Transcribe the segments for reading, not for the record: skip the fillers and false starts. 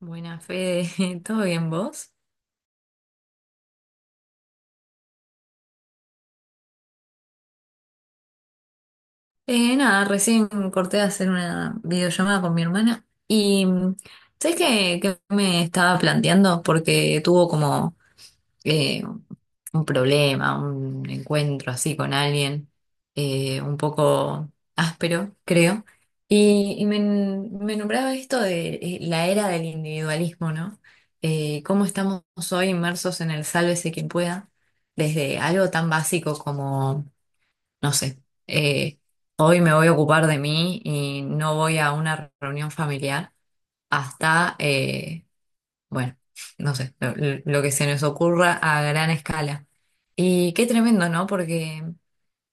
Buena fe, ¿todo bien vos? Nada, recién corté de hacer una videollamada con mi hermana y ¿sabés qué me estaba planteando? Porque tuvo como eh, un problema, un encuentro así con alguien, un poco áspero, creo, y me nombraba esto de la era del individualismo, ¿no? Cómo estamos hoy inmersos en el sálvese quien pueda, desde algo tan básico como no sé, eh, hoy me voy a ocupar de mí y no voy a una reunión familiar hasta, bueno, no sé, lo que se nos ocurra a gran escala. Y qué tremendo, ¿no? Porque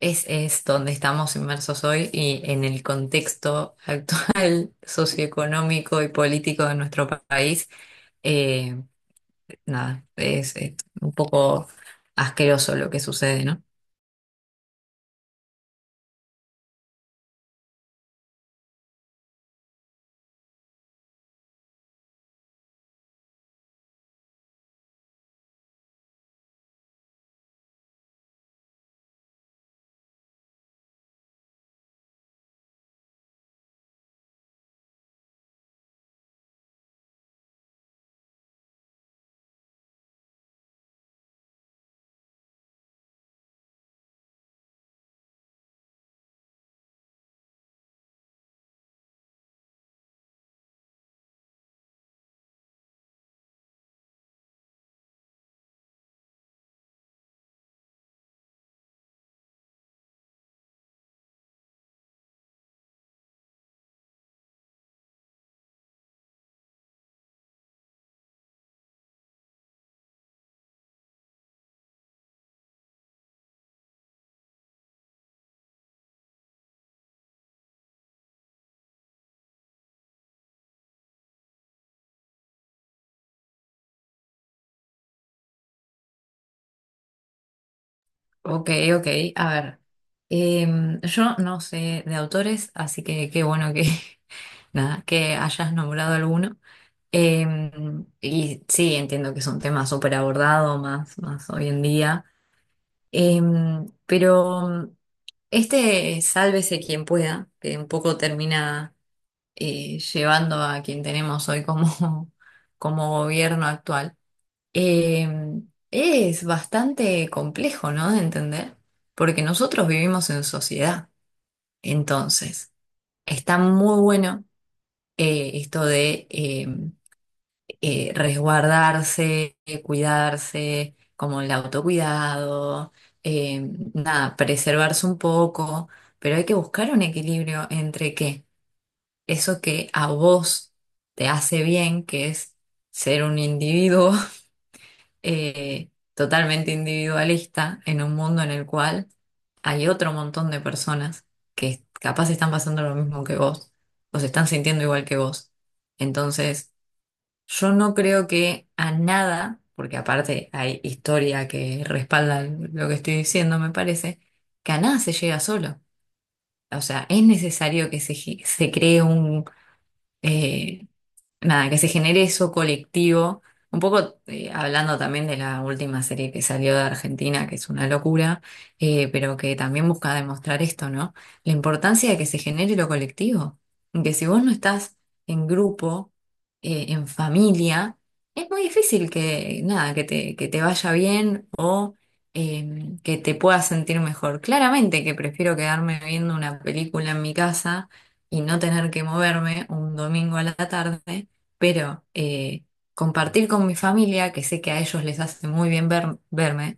es donde estamos inmersos hoy y en el contexto actual socioeconómico y político de nuestro país, eh, nada, es un poco asqueroso lo que sucede, ¿no? Ok, ok, a ver. Yo no sé de autores, así que qué bueno nada, que hayas nombrado alguno. Em, y sí, entiendo que es un tema súper abordado más hoy en día. Em, pero este sálvese quien pueda, que un poco termina llevando a quien tenemos hoy como, como gobierno actual. Eh, es bastante complejo, ¿no? De entender, porque nosotros vivimos en sociedad. Entonces, está muy bueno esto de resguardarse, cuidarse, como el autocuidado, eh, nada, preservarse un poco, pero hay que buscar un equilibrio entre que eso que a vos te hace bien, que es ser un individuo, totalmente individualista en un mundo en el cual hay otro montón de personas que capaz están pasando lo mismo que vos o se están sintiendo igual que vos. Entonces, yo no creo que a nada, porque aparte hay historia que respalda lo que estoy diciendo, me parece, que a nada se llega solo. O sea, es necesario que se cree un… eh, nada, que se genere eso colectivo. Un poco hablando también de la última serie que salió de Argentina, que es una locura, pero que también busca demostrar esto, ¿no? La importancia de que se genere lo colectivo. Que si vos no estás en grupo, en familia, es muy difícil nada, que te vaya bien o que te puedas sentir mejor. Claramente que prefiero quedarme viendo una película en mi casa y no tener que moverme un domingo a la tarde pero compartir con mi familia, que sé que a ellos les hace muy bien verme,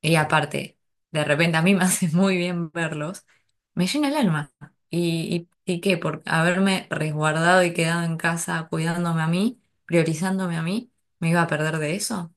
y aparte, de repente a mí me hace muy bien verlos, me llena el alma. ¿Y qué? Por haberme resguardado y quedado en casa cuidándome a mí, priorizándome a mí, ¿me iba a perder de eso?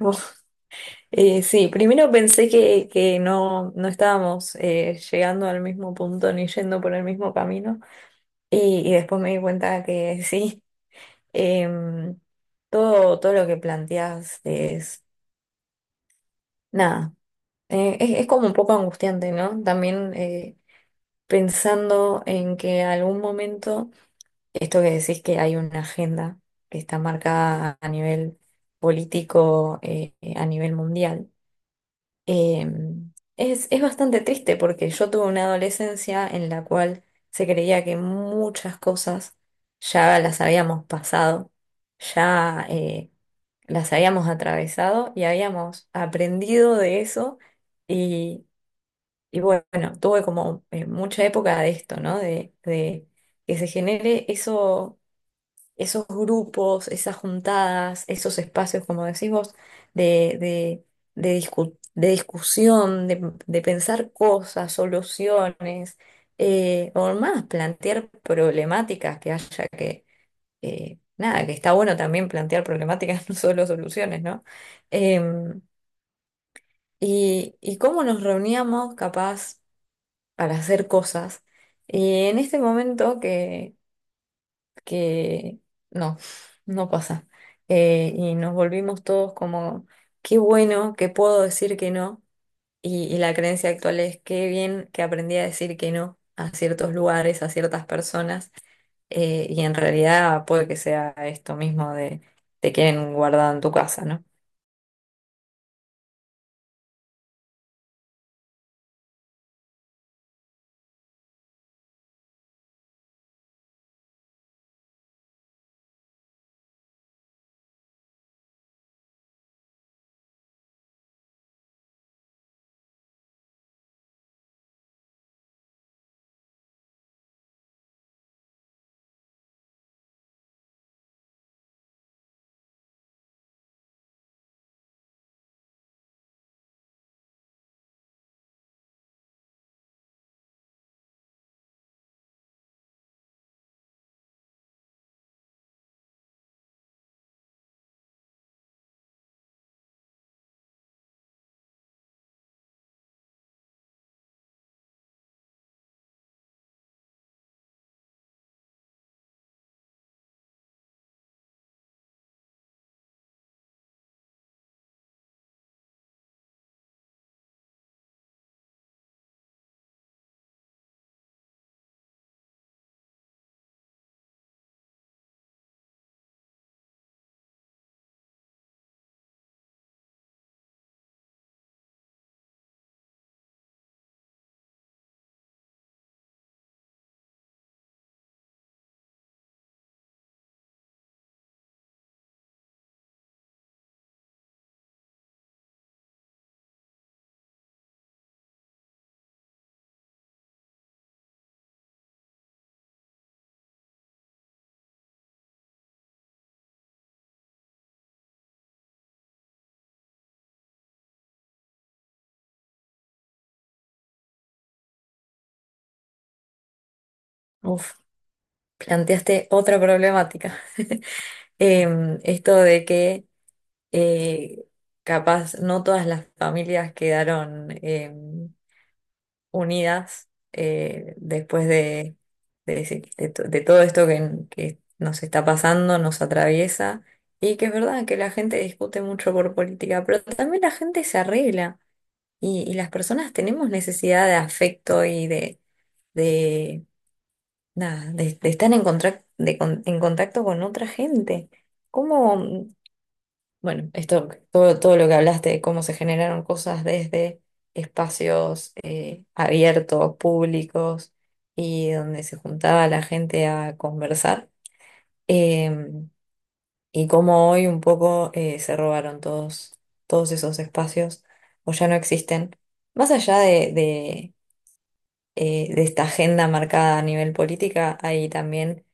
Uf, sí, primero pensé que no, no estábamos llegando al mismo punto ni yendo por el mismo camino y después me di cuenta que sí. Em, todo lo que planteas es nada. Es como un poco angustiante, ¿no? También pensando en que algún momento, esto que decís que hay una agenda que está marcada a nivel político, a nivel mundial. Em, es bastante triste porque yo tuve una adolescencia en la cual se creía que muchas cosas ya las habíamos pasado, ya las habíamos atravesado y habíamos aprendido de eso y, y bueno, tuve como mucha época de esto, ¿no? De que se genere eso esos grupos, esas juntadas, esos espacios, como decís vos, de, de, de discusión, de pensar cosas, soluciones, o más, plantear problemáticas que haya que, nada, que está bueno también plantear problemáticas, no solo soluciones, ¿no? Em, y cómo nos reuníamos capaz para hacer cosas. Y en este momento que no, no pasa. Y nos volvimos todos como, qué bueno que puedo decir que no. Y la creencia actual es, qué bien que aprendí a decir que no a ciertos lugares, a ciertas personas. Y en realidad puede que sea esto mismo de te quieren guardado en tu casa, ¿no? Uf, planteaste otra problemática. Em, esto de que eh, capaz no todas las familias quedaron… em, unidas después de, ese- de to- de todo esto que nos está pasando, nos atraviesa, y que es verdad que la gente discute mucho por política, pero también la gente se arregla y las personas tenemos necesidad de afecto y de, nada, de estar en contacto con otra gente. ¿Cómo? Bueno, todo lo que hablaste de cómo se generaron cosas desde espacios abiertos, públicos y donde se juntaba la gente a conversar, eh, y cómo hoy un poco se robaron todos esos espacios o ya no existen. Más allá de esta agenda marcada a nivel política, hay también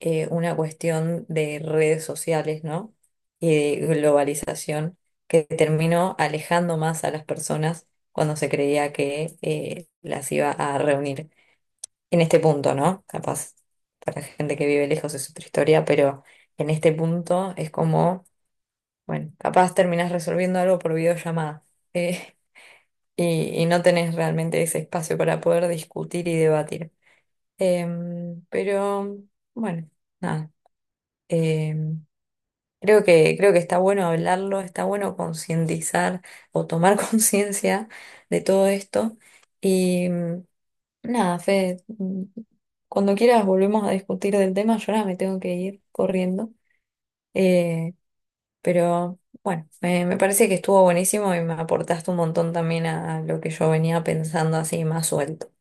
una cuestión de redes sociales, ¿no? Y de globalización que terminó alejando más a las personas cuando se creía que las iba a reunir. En este punto, ¿no? Capaz para gente que vive lejos es otra historia, pero en este punto es como, bueno, capaz terminás resolviendo algo por videollamada. eh, y no tenés realmente ese espacio para poder discutir y debatir. Em, pero bueno, nada. Em, creo creo que está bueno hablarlo, está bueno concientizar o tomar conciencia de todo esto. Y mm, nada, Fede, mm, cuando quieras volvemos a discutir del tema. Yo ahora me tengo que ir corriendo. Eh, pero bueno, me parece que estuvo buenísimo y me aportaste un montón también a lo que yo venía pensando así más suelto.